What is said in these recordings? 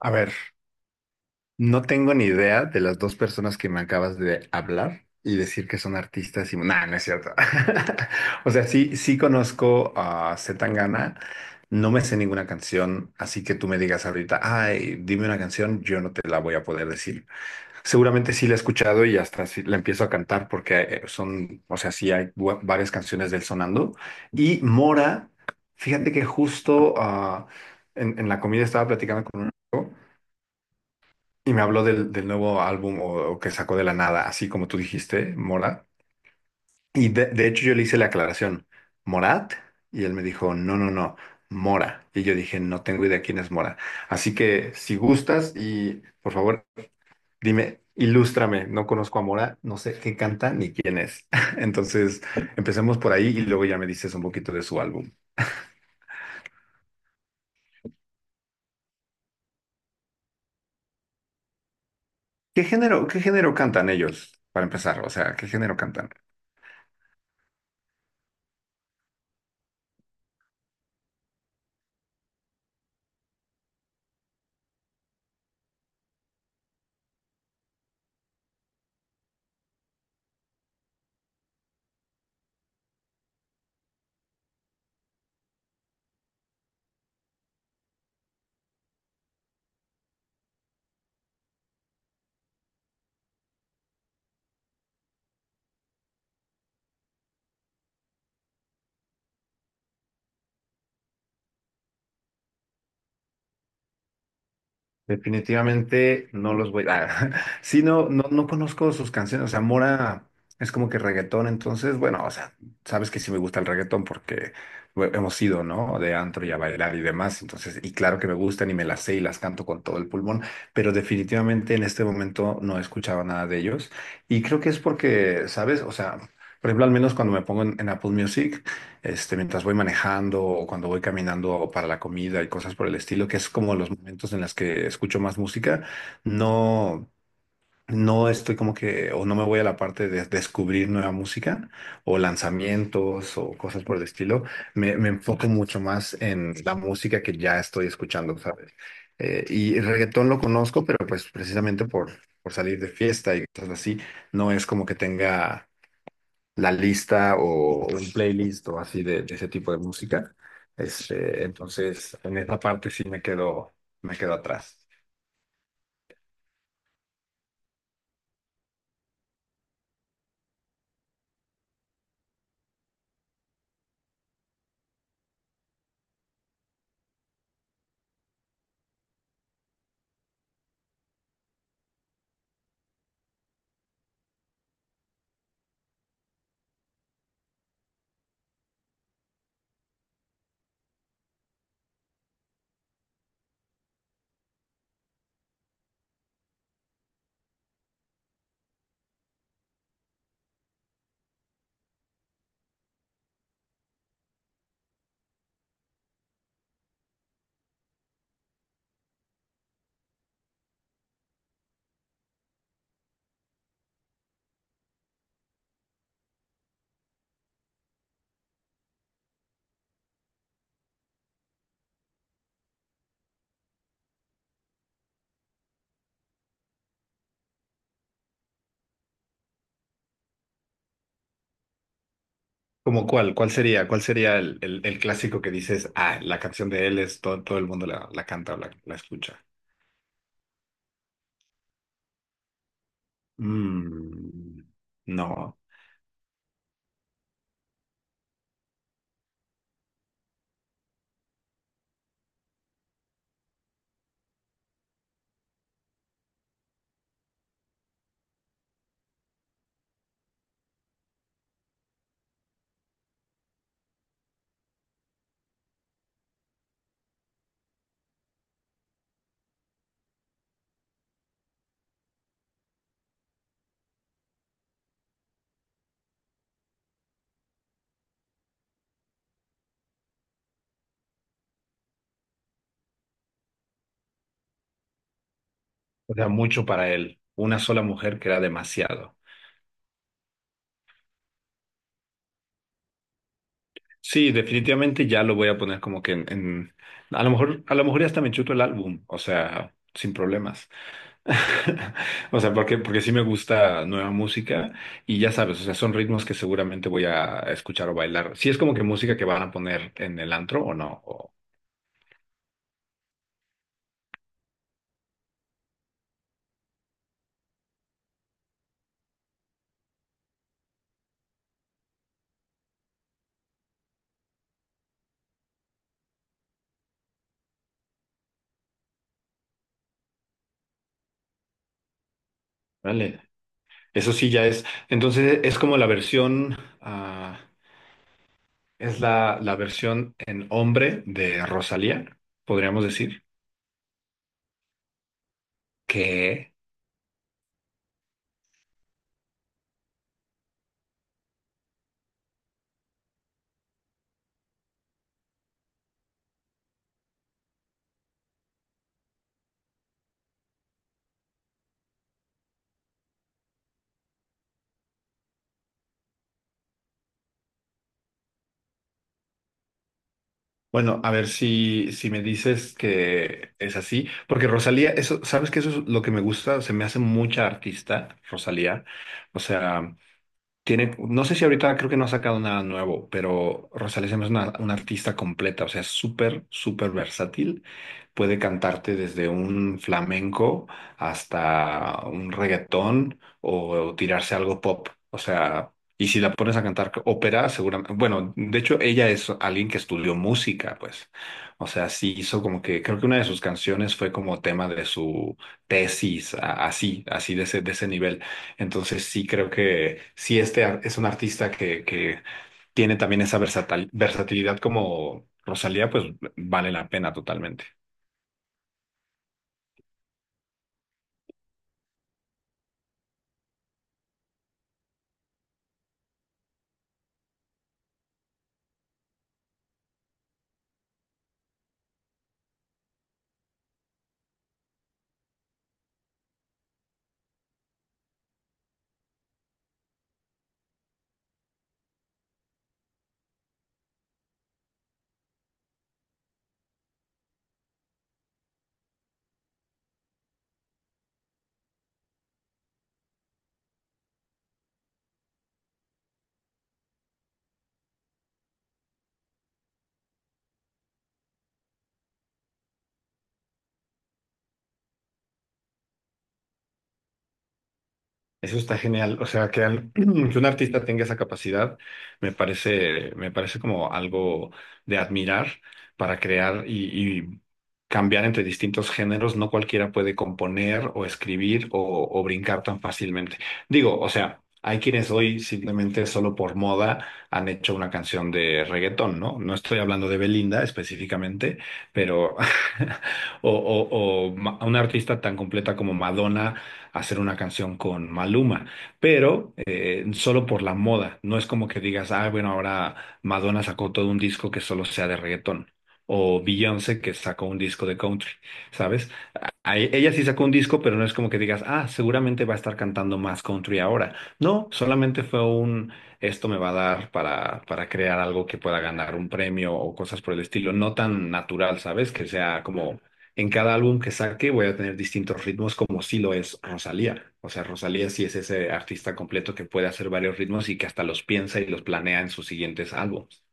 A ver, no tengo ni idea de las dos personas que me acabas de hablar y decir que son artistas y... Nah, no es cierto. O sea, sí conozco a Zetangana, no me sé ninguna canción, así que tú me digas ahorita, ay, dime una canción, yo no te la voy a poder decir. Seguramente sí la he escuchado y hasta sí la empiezo a cantar porque son, o sea, sí hay varias canciones del sonando. Y Mora, fíjate que justo en la comida estaba platicando con un amigo y me habló del nuevo álbum o que sacó de la nada, así como tú dijiste, Morat. Y de hecho yo le hice la aclaración, Morat, y él me dijo, no, no, no, Mora. Y yo dije, no tengo idea quién es Mora. Así que si gustas y por favor, dime, ilústrame, no conozco a Mora, no sé qué canta ni quién es. Entonces, empecemos por ahí y luego ya me dices un poquito de su álbum. ¿Qué género cantan ellos, para empezar? O sea, ¿qué género cantan? Definitivamente no los voy a... Sí, no, no, no conozco sus canciones. O sea, Mora es como que reggaetón, entonces, bueno, o sea, sabes que sí me gusta el reggaetón porque bueno, hemos ido, ¿no? De antro y a bailar y demás. Entonces, y claro que me gustan y me las sé y las canto con todo el pulmón, pero definitivamente en este momento no he escuchado nada de ellos. Y creo que es porque, ¿sabes? O sea, por ejemplo, al menos cuando me pongo en Apple Music este, mientras voy manejando o cuando voy caminando para la comida y cosas por el estilo, que es como los momentos en los que escucho más música, no, no estoy como que, o no me voy a la parte de descubrir nueva música o lanzamientos o cosas por el estilo, me enfoco mucho más en la música que ya estoy escuchando, ¿sabes? Y el reggaetón lo conozco, pero pues precisamente por salir de fiesta y cosas así, no es como que tenga la lista o un playlist o así de ese tipo de música. Este, entonces, en esa parte me quedo atrás. ¿Cómo cuál? ¿Cuál sería? ¿Cuál sería el clásico que dices, ah, la canción de él es todo, todo el mundo la canta o la escucha? Mm, no. O sea, mucho para él. Una sola mujer que era demasiado. Sí, definitivamente ya lo voy a poner como que a lo mejor ya hasta me chuto el álbum, o sea, sin problemas. O sea, porque sí me gusta nueva música y ya sabes, o sea, son ritmos que seguramente voy a escuchar o bailar. Si es como que música que van a poner en el antro o no. Vale. Eso sí ya es. Entonces es como la versión, ah, es la versión en hombre de Rosalía, podríamos decir. Que, bueno, a ver si me dices que es así, porque Rosalía, eso, ¿sabes que eso es lo que me gusta? Se me hace mucha artista, Rosalía. O sea... Tiene, no sé si ahorita creo que no ha sacado nada nuevo, pero Rosalía se me hace una artista completa, o sea, es súper versátil. Puede cantarte desde un flamenco hasta un reggaetón o, tirarse algo pop. O sea, y si la pones a cantar ópera, seguramente, bueno, de hecho ella es alguien que estudió música, pues. O sea, sí hizo como que, creo que una de sus canciones fue como tema de su tesis, así, así de ese nivel. Entonces sí creo que sí este es un artista que tiene también esa versatilidad como Rosalía, pues vale la pena totalmente. Eso está genial. O sea, que, que un artista tenga esa capacidad me parece como algo de admirar para crear y cambiar entre distintos géneros. No cualquiera puede componer o escribir o brincar tan fácilmente. Digo, o sea, hay quienes hoy simplemente solo por moda han hecho una canción de reggaetón, ¿no? No estoy hablando de Belinda específicamente, pero una artista tan completa como Madonna hacer una canción con Maluma, pero solo por la moda. No es como que digas, ah, bueno, ahora Madonna sacó todo un disco que solo sea de reggaetón. O Beyoncé que sacó un disco de country, ¿sabes? Ella sí sacó un disco, pero no es como que digas, ah, seguramente va a estar cantando más country ahora. No, solamente fue un, esto me va a dar para crear algo que pueda ganar un premio o cosas por el estilo. No tan natural, ¿sabes? Que sea como en cada álbum que saque voy a tener distintos ritmos como sí lo es Rosalía. O sea, Rosalía sí es ese artista completo que puede hacer varios ritmos y que hasta los piensa y los planea en sus siguientes álbumes.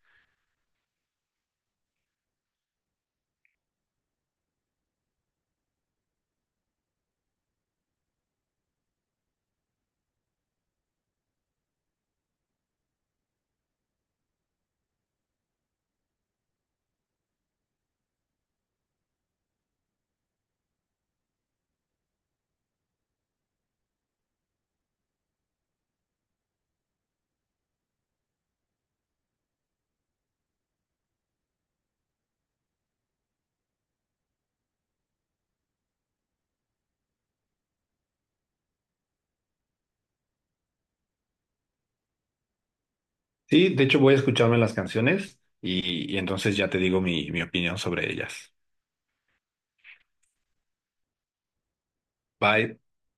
Sí, de hecho voy a escucharme las canciones y entonces ya te digo mi opinión sobre ellas. Bye.